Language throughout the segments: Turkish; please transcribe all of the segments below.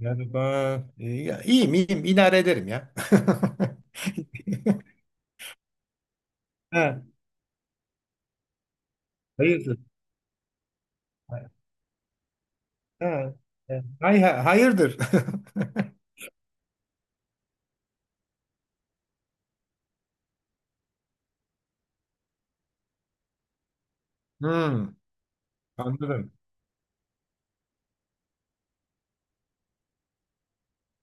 Merhaba. İyiyim. İdare ederim ya. Ha, hayırdır? Ha, ha. Hayırdır? Hmm, anladım.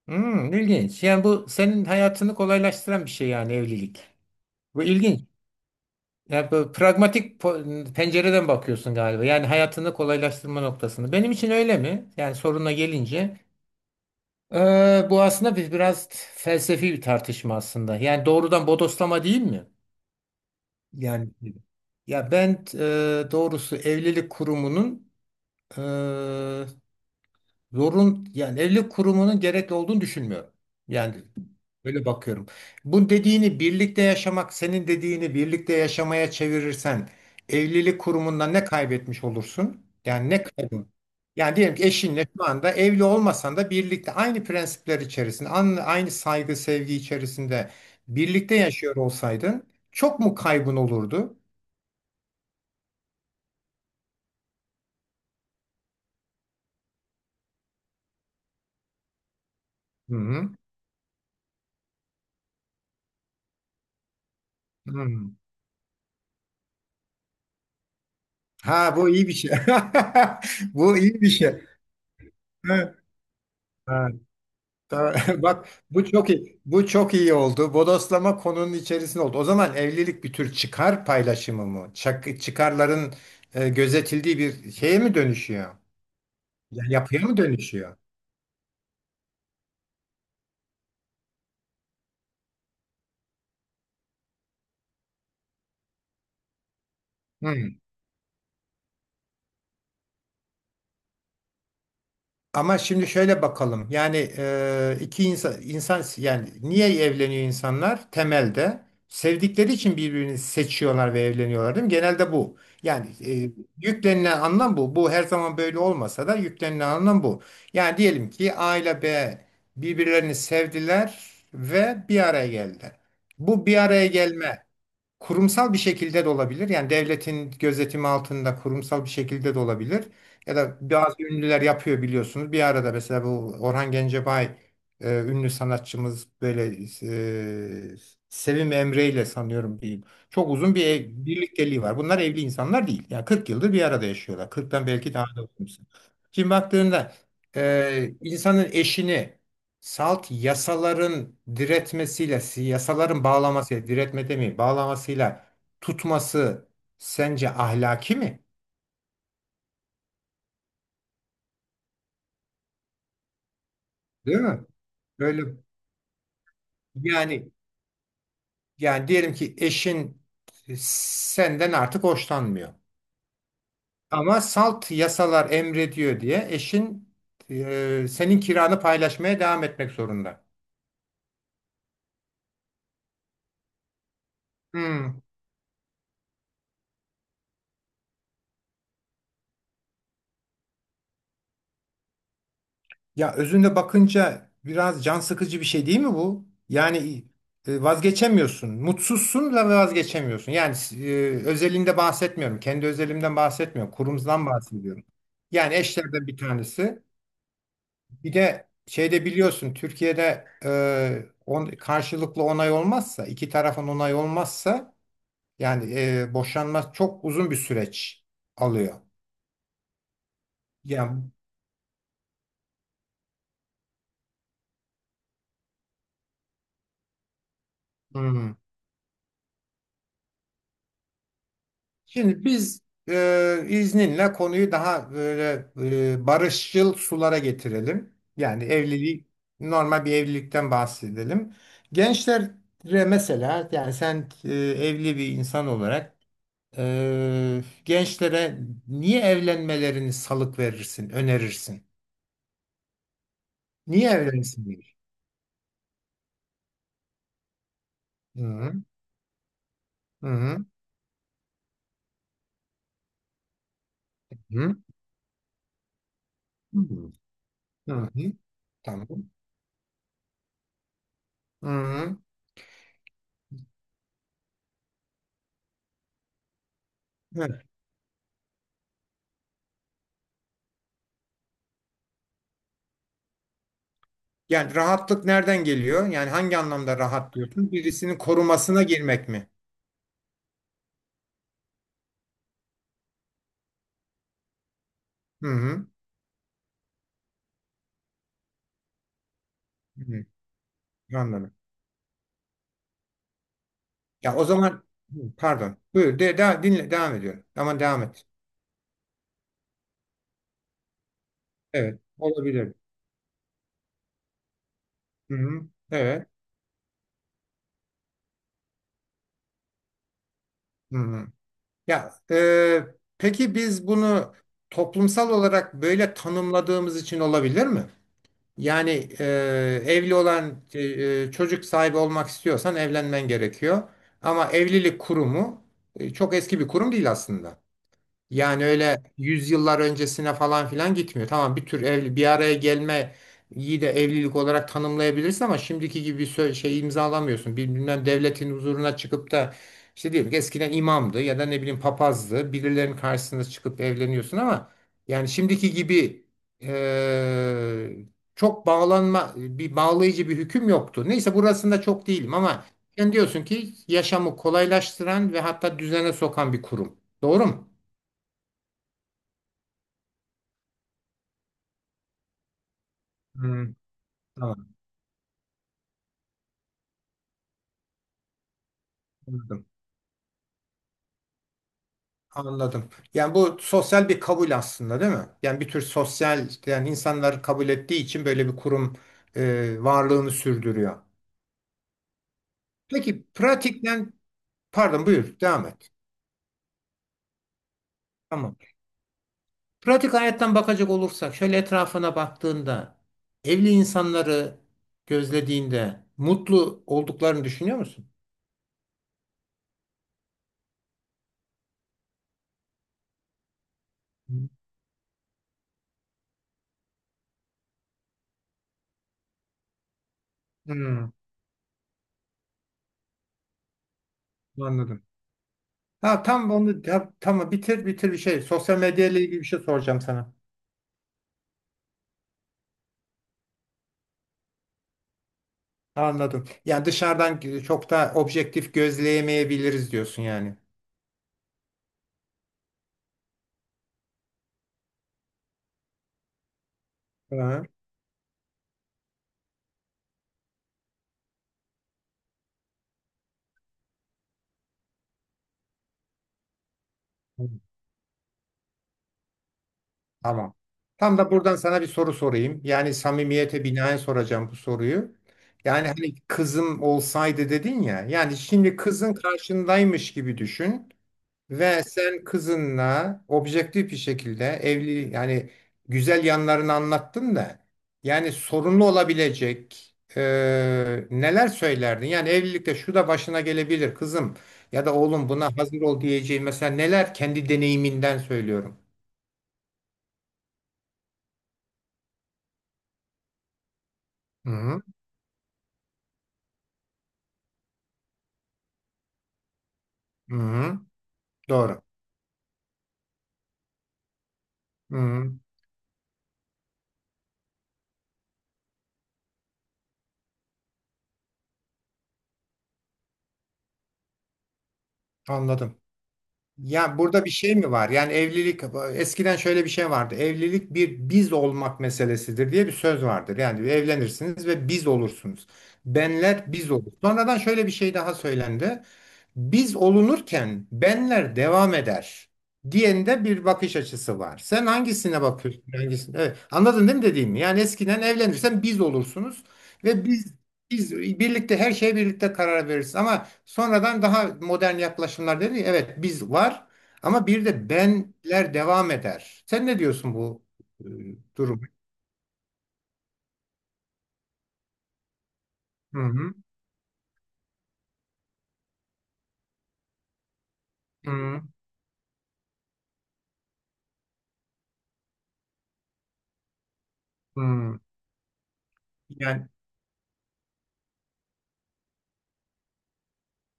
Hmm, ilginç. Yani bu senin hayatını kolaylaştıran bir şey yani evlilik. Bu ilginç. Yani bu pencereden bakıyorsun galiba. Yani hayatını kolaylaştırma noktasını. Benim için öyle mi? Yani soruna gelince. Bu aslında biraz felsefi bir tartışma aslında. Yani doğrudan bodoslama değil mi? Yani ya ben e, doğrusu e, evlilik kurumunun gerekli olduğunu düşünmüyorum. Yani böyle bakıyorum. Bu dediğini birlikte yaşamak, senin dediğini birlikte yaşamaya çevirirsen evlilik kurumundan ne kaybetmiş olursun? Yani ne kaybın? Yani diyelim ki eşinle şu anda evli olmasan da birlikte aynı prensipler içerisinde, aynı saygı, sevgi içerisinde birlikte yaşıyor olsaydın çok mu kaybın olurdu? Hı hı. Hı. Ha bu iyi bir şey. Bu iyi bir şey. Ha, ha, tamam. Bak bu çok iyi. Bu çok iyi oldu. Bodoslama konunun içerisinde oldu. O zaman evlilik bir tür çıkar paylaşımı mı? Çıkarların gözetildiği bir şeye mi dönüşüyor? Yapıya mı dönüşüyor? Hı. Ama şimdi şöyle bakalım. Yani iki insan yani niye evleniyor insanlar? Temelde sevdikleri için birbirini seçiyorlar ve evleniyorlar değil mi? Genelde bu. Yani e, yüklenilen anlam bu. Bu her zaman böyle olmasa da yüklenilen anlam bu. Yani diyelim ki A ile B birbirlerini sevdiler ve bir araya geldiler. Bu bir araya gelme kurumsal bir şekilde de olabilir. Yani devletin gözetimi altında kurumsal bir şekilde de olabilir. Ya da bazı ünlüler yapıyor biliyorsunuz. Bir arada mesela bu Orhan Gencebay ünlü sanatçımız böyle e, Sevim Emre ile sanıyorum diyeyim. Çok uzun birlikteliği var. Bunlar evli insanlar değil. Yani 40 yıldır bir arada yaşıyorlar. 40'tan belki daha da uzun. Şimdi baktığında insanın eşini salt yasaların diretmesiyle, yasaların bağlamasıyla, diretme demeyeyim, bağlamasıyla tutması sence ahlaki mi? Değil mi? Böyle yani Yani diyelim ki eşin senden artık hoşlanmıyor. Ama salt yasalar emrediyor diye eşin senin kiranı paylaşmaya devam etmek zorunda. Hmm. Ya özünde bakınca biraz can sıkıcı bir şey değil mi bu? Yani vazgeçemiyorsun. Mutsuzsun ve vazgeçemiyorsun. Yani özelinde bahsetmiyorum. Kendi özelimden bahsetmiyorum. Kurumdan bahsediyorum. Yani eşlerden bir tanesi. Bir de şeyde biliyorsun Türkiye'de karşılıklı onay olmazsa, iki tarafın onay olmazsa yani boşanma çok uzun bir süreç alıyor. Yani hmm. Şimdi biz izninle konuyu daha böyle barışçıl sulara getirelim. Yani evliliği normal bir evlilikten bahsedelim. Gençlere mesela yani sen evli bir insan olarak gençlere niye evlenmelerini salık verirsin, önerirsin? Niye evlensinler? Hı hı, hı hı, hı hı. Hı hı. Tamam. Hı hı. Yani rahatlık nereden geliyor? Yani hangi anlamda rahat diyorsun? Birisinin korumasına girmek mi? Hı hı. Hı hı. Anladım. Ya o zaman hı, pardon. Buyur. Dinle. Devam ediyorum. Ama devam et. Evet. Olabilir. Hı hı. Evet. Hı hı. Ya peki biz bunu toplumsal olarak böyle tanımladığımız için olabilir mi? Yani e, evli çocuk sahibi olmak istiyorsan evlenmen gerekiyor. Ama evlilik kurumu çok eski bir kurum değil aslında. Yani öyle yüzyıllar öncesine falan filan gitmiyor. Tamam bir tür evli, bir araya gelme iyi de evlilik olarak tanımlayabilirsin ama şimdiki gibi şey imzalamıyorsun. Bilmem devletin huzuruna çıkıp da işte diyelim ki eskiden imamdı ya da ne bileyim papazdı. Birilerinin karşısına çıkıp evleniyorsun ama yani şimdiki gibi eee, çok bağlanma bir bağlayıcı bir hüküm yoktu. Neyse burasında çok değilim ama sen diyorsun ki yaşamı kolaylaştıran ve hatta düzene sokan bir kurum. Doğru mu? Hmm, tamam, anladım. Anladım. Yani bu sosyal bir kabul aslında değil mi? Yani bir tür sosyal, yani insanlar kabul ettiği için böyle bir kurum varlığını sürdürüyor. Peki pratikten, pardon buyur, devam et. Tamam. Pratik hayattan bakacak olursak, şöyle etrafına baktığında, evli insanları gözlediğinde mutlu olduklarını düşünüyor musun? Hmm, anladım. Ha tamam bitir bir şey. Sosyal medya ile ilgili bir şey soracağım sana. Anladım. Yani dışarıdan çok da objektif gözleyemeyebiliriz diyorsun yani. Hı. Tamam. Tam da buradan sana bir soru sorayım. Yani samimiyete binaen soracağım bu soruyu. Yani hani kızım olsaydı dedin ya. Yani şimdi kızın karşındaymış gibi düşün. Ve sen kızınla objektif bir şekilde evli yani güzel yanlarını anlattın da yani sorunlu olabilecek neler söylerdin? Yani evlilikte şu da başına gelebilir kızım ya da oğlum buna hazır ol diyeceğin mesela neler kendi deneyiminden söylüyorum. Hı hı, hı hı, doğru. Hı hı, anladım. Ya burada bir şey mi var? Yani evlilik eskiden şöyle bir şey vardı. Evlilik bir biz olmak meselesidir diye bir söz vardır. Yani evlenirsiniz ve biz olursunuz. Benler biz olur. Sonradan şöyle bir şey daha söylendi. Biz olunurken benler devam eder diyende bir bakış açısı var. Sen hangisine bakıyorsun? Hangisine? Evet. Anladın değil mi dediğimi? Yani eskiden evlenirsen biz olursunuz ve biz biz birlikte her şeye birlikte karar veririz ama sonradan daha modern yaklaşımlar dedi. Evet biz var ama bir de benler devam eder. Sen ne diyorsun bu e, durum? Hı hı, hı hı. Yani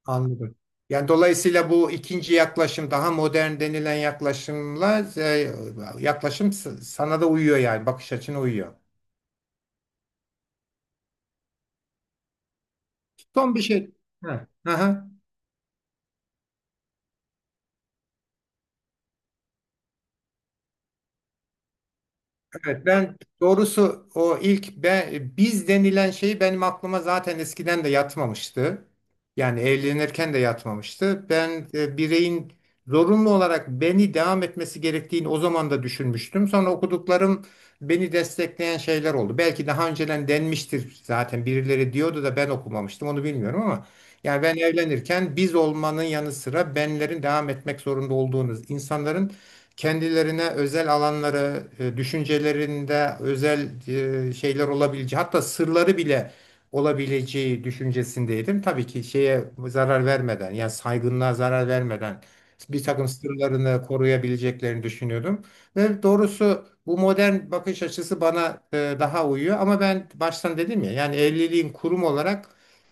anladım. Yani dolayısıyla bu ikinci yaklaşım daha modern denilen yaklaşımla sana da uyuyor yani bakış açına uyuyor. Son bir şey. Hı. Aha. Evet ben doğrusu biz denilen şeyi benim aklıma zaten eskiden de yatmamıştı. Yani evlenirken de yatmamıştı. Ben bireyin zorunlu olarak beni devam etmesi gerektiğini o zaman da düşünmüştüm. Sonra okuduklarım beni destekleyen şeyler oldu. Belki daha önceden denmiştir zaten birileri diyordu da ben okumamıştım onu bilmiyorum ama yani ben evlenirken biz olmanın yanı sıra benlerin devam etmek zorunda olduğunuz insanların kendilerine özel alanları, düşüncelerinde özel şeyler olabileceği, hatta sırları bile olabileceği düşüncesindeydim. Tabii ki şeye zarar vermeden, yani saygınlığa zarar vermeden bir takım sırlarını koruyabileceklerini düşünüyordum. Ve doğrusu bu modern bakış açısı bana daha uyuyor. Ama ben baştan dedim ya, yani evliliğin kurum olarak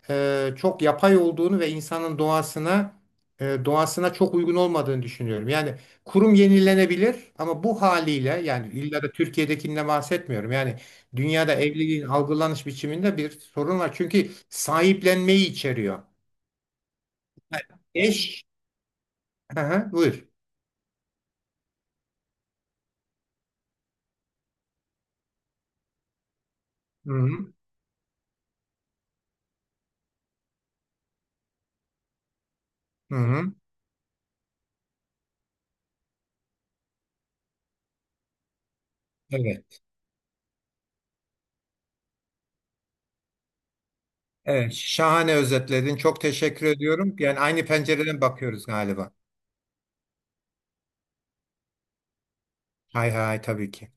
çok yapay olduğunu ve insanın doğasına çok uygun olmadığını düşünüyorum. Yani kurum yenilenebilir ama bu haliyle yani illa da Türkiye'dekinden bahsetmiyorum. Yani dünyada evliliğin algılanış biçiminde bir sorun var. Çünkü sahiplenmeyi içeriyor. Eş, hı hı, buyur. Hı hı, hı hı. Evet. Evet, şahane özetledin. Çok teşekkür ediyorum. Yani aynı pencereden bakıyoruz galiba. Hay hay tabii ki.